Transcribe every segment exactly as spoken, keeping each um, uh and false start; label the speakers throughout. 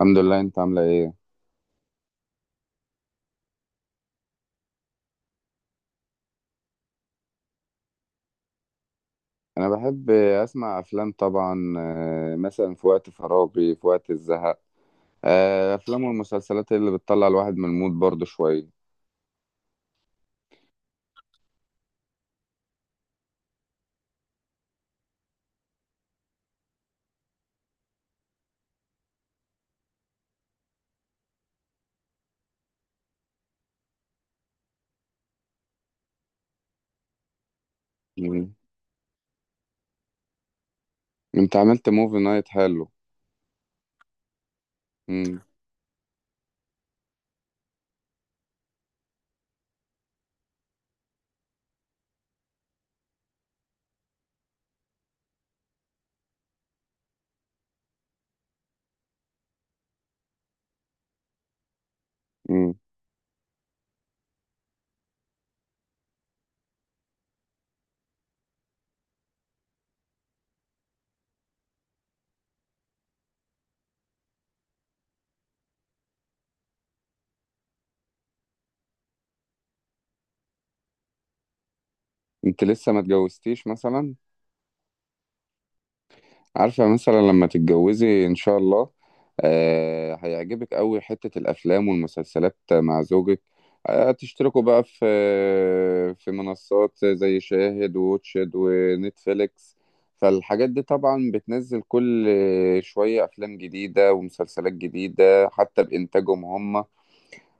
Speaker 1: الحمد لله، انت عامله ايه؟ انا بحب اسمع افلام طبعا، آه، مثلا في وقت فراغي، في وقت الزهق. آه، افلام والمسلسلات اللي بتطلع الواحد من المود برضه شويه. مم. انت عملت موفي نايت حلو؟ مم. مم. انت لسه ما اتجوزتيش مثلا؟ عارفة مثلا لما تتجوزي إن شاء الله آه هيعجبك أوي حتة الأفلام والمسلسلات مع زوجك. آه تشتركوا بقى في في منصات زي شاهد ووتشد ونتفليكس. فالحاجات دي طبعا بتنزل كل شوية أفلام جديدة ومسلسلات جديدة حتى بإنتاجهم هم.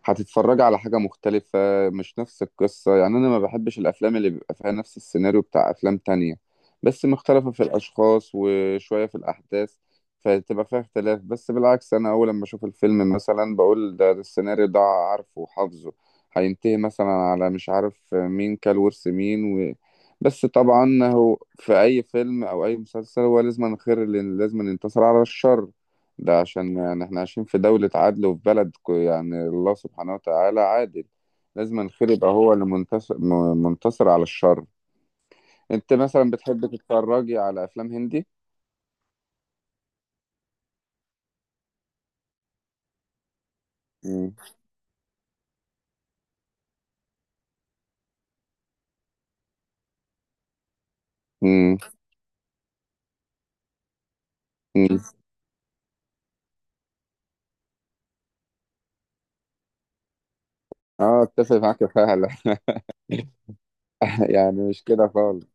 Speaker 1: هتتفرج على حاجة مختلفة مش نفس القصة، يعني أنا ما بحبش الأفلام اللي بيبقى فيها نفس السيناريو بتاع أفلام تانية، بس مختلفة في الأشخاص وشوية في الأحداث. فتبقى فيها اختلاف، بس بالعكس أنا أول لما أشوف الفيلم مثلا بقول ده, ده السيناريو ده عارفه وحافظه. هينتهي مثلا على مش عارف مين كل ورث مين و... بس طبعا هو في أي فيلم أو أي مسلسل هو لازم الخير اللي لازم ينتصر على الشر. ده عشان يعني احنا عايشين في دولة عدل وفي بلد كو- يعني الله سبحانه وتعالى عادل. لازم الخير يبقى هو اللي منتصر م- منتصر على الشر. انت مثلا بتحب تتفرجي على افلام هندي؟ مم. مم. مم. اه، اتفق معاك فعلا. يعني مش كده خالص.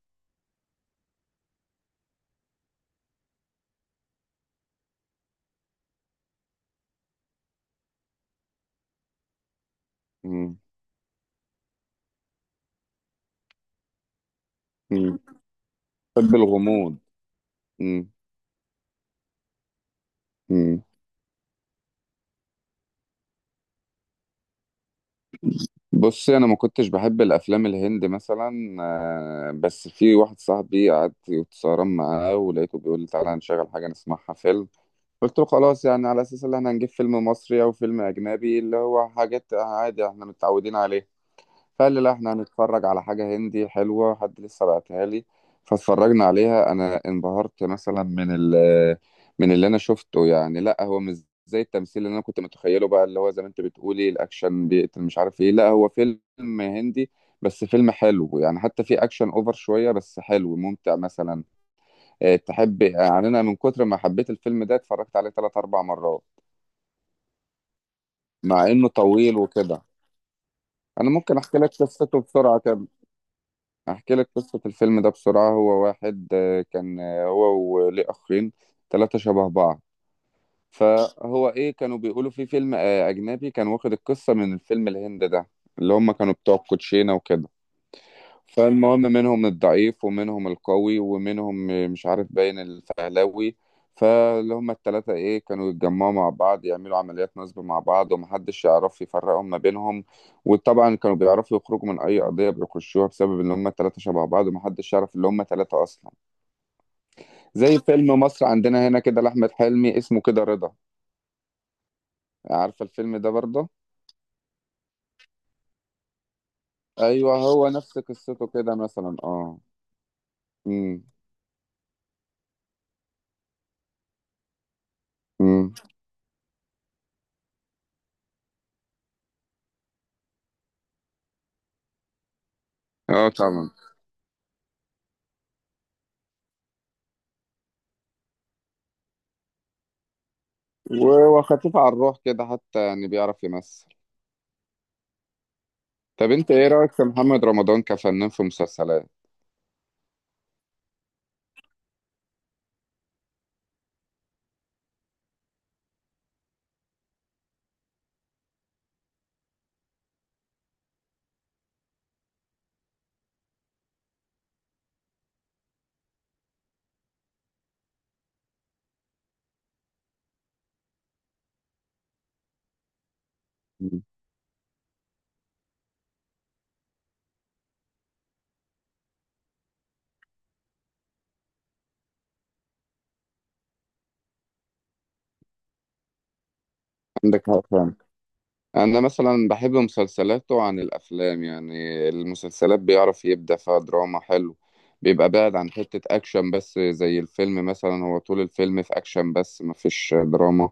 Speaker 1: مم. مم. بحب الغموض. مم. مم. بصي، انا ما كنتش بحب الافلام الهندي مثلا، آه، بس في واحد صاحبي قعدت واتسهران معاه ولقيته بيقول لي تعالى هنشغل حاجه نسمعها فيلم. قلت له خلاص، يعني على اساس ان احنا هنجيب فيلم مصري او فيلم اجنبي اللي هو حاجات عادي احنا متعودين عليها. فقال لي لا احنا هنتفرج على حاجه هندي حلوه، حد لسه بعتها لي. فاتفرجنا عليها. انا انبهرت مثلا من ال من اللي انا شفته، يعني لا هو مش زي التمثيل اللي انا كنت متخيله، بقى اللي هو زي ما انت بتقولي الاكشن بيقتل مش عارف ايه، لا هو فيلم هندي بس فيلم حلو يعني، حتى في اكشن اوفر شويه بس حلو ممتع مثلا. آه، تحب يعني، انا من كتر ما حبيت الفيلم ده اتفرجت عليه ثلاث اربع مرات، مع انه طويل وكده. انا ممكن احكي لك قصته بسرعه كده. احكي لك قصه الفيلم ده بسرعه. هو واحد آه، كان، آه، هو وليه اخين، ثلاثه شبه بعض. فهو ايه كانوا بيقولوا في فيلم آه، اجنبي كان واخد القصه من الفيلم الهند ده، اللي هم كانوا بتوع الكوتشينه وكده. فالمهم منهم الضعيف ومنهم القوي ومنهم مش عارف باين الفهلاوي. فاللي هما التلاتة ايه كانوا يتجمعوا مع بعض يعملوا عمليات نصب مع بعض ومحدش يعرف يفرقهم ما بينهم. وطبعا كانوا بيعرفوا يخرجوا من أي قضية بيخشوها بسبب إن هما التلاتة شبه بعض ومحدش يعرف إن هما تلاتة أصلا. زي فيلم مصر عندنا هنا كده لأحمد حلمي اسمه كده رضا. عارفة الفيلم ده برضه؟ أيوه، هو نفس قصته كده مثلا، اه. امم. امم. اه طبعا. وخفيف على الروح كده حتى يعني، بيعرف يمثل. طب انت ايه رأيك في محمد رمضان كفنان في مسلسلات؟ مم. عندك حق فعلا. انا مثلا بحب مسلسلاته عن الافلام، يعني المسلسلات بيعرف يبدع فيها دراما حلو. بيبقى بعد عن حتة اكشن، بس زي الفيلم مثلا هو طول الفيلم في اكشن بس مفيش دراما.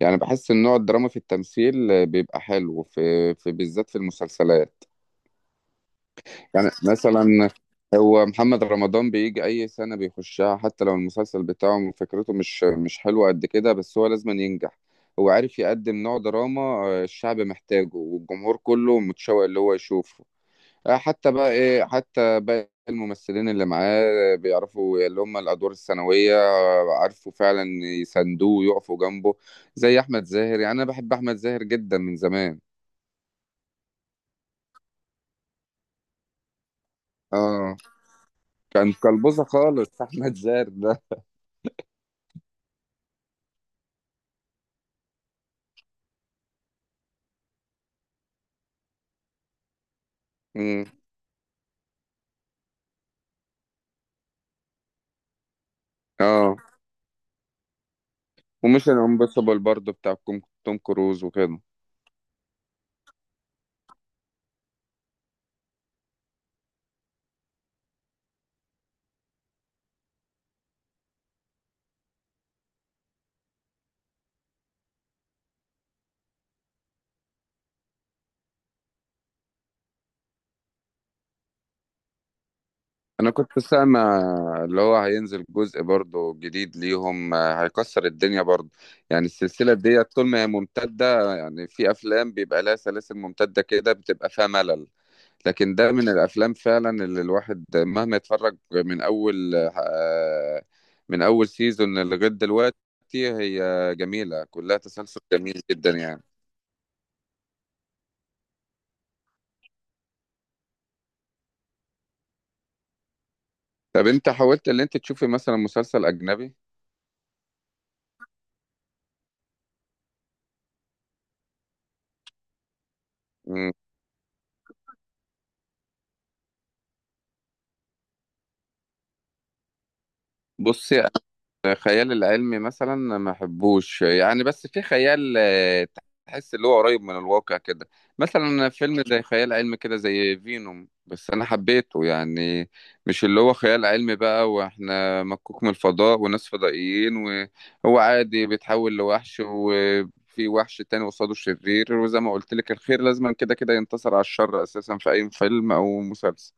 Speaker 1: يعني بحس ان نوع الدراما في التمثيل بيبقى حلو في, في بالذات في المسلسلات. يعني مثلا هو محمد رمضان بيجي اي سنه بيخشها حتى لو المسلسل بتاعه فكرته مش مش حلوه قد كده، بس هو لازم ينجح. هو عارف يقدم نوع دراما آه، الشعب محتاجه والجمهور كله متشوق اللي هو يشوفه. آه، حتى بقى ايه، حتى باقي الممثلين اللي معاه آه، بيعرفوا اللي هم الادوار الثانويه، آه، عارفوا فعلا يساندوه ويقفوا جنبه. زي احمد زاهر، يعني انا بحب احمد زاهر جدا من زمان. اه، كان كلبوزه خالص احمد زاهر. ده. اه وميشن امبوسيبل برضو بتاع كوم- توم كروز وكده. انا كنت سامع اللي هو هينزل جزء برضو جديد ليهم، آه، هيكسر الدنيا برضو. يعني السلسلة دي طول ما هي ممتدة، يعني في افلام بيبقى لها سلاسل ممتدة كده بتبقى فيها ملل. لكن ده من الافلام فعلا اللي الواحد مهما يتفرج من اول آه، من اول سيزون لغاية دلوقتي، هي جميلة كلها، تسلسل جميل جدا يعني. طب انت حاولت اللي انت تشوفي مثلا مسلسل اجنبي؟ مم. بصي، أنا خيال العلمي مثلا ما بحبوش يعني، بس في خيال آه، تحس اللي هو قريب من الواقع كده. مثلا فيلم زي خيال علمي كده زي فينوم بس انا حبيته يعني. مش اللي هو خيال علمي بقى واحنا مكوك من الفضاء وناس فضائيين، وهو عادي بيتحول لوحش وفي وحش تاني قصاده شرير، وزي ما قلت لك الخير لازما كده كده ينتصر على الشر اساسا في اي فيلم او مسلسل.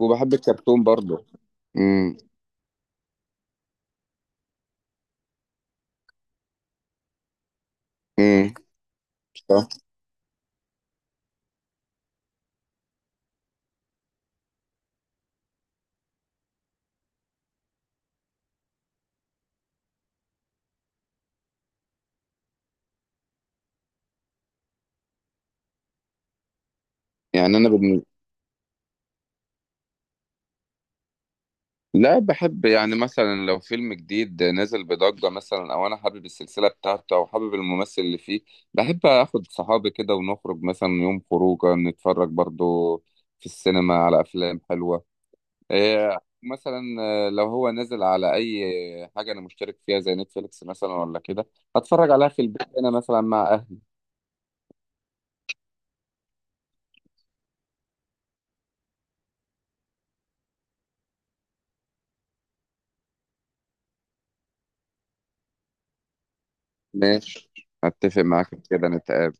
Speaker 1: وبحب الكرتون برضه. امم. يعني انا بم... لا بحب يعني مثلا لو فيلم جديد نازل بضجة مثلا او انا حابب السلسلة بتاعته او حابب الممثل اللي فيه، بحب اخد صحابي كده ونخرج مثلا يوم خروجه نتفرج برضو في السينما على افلام حلوة. إيه. مثلا آه، لو هو نازل على اي حاجة انا مشترك فيها زي نتفليكس مثلا ولا كده، هتفرج عليها في البيت انا مثلا مع اهلي. ماشي، اتفق معاك في كده، نتقابل.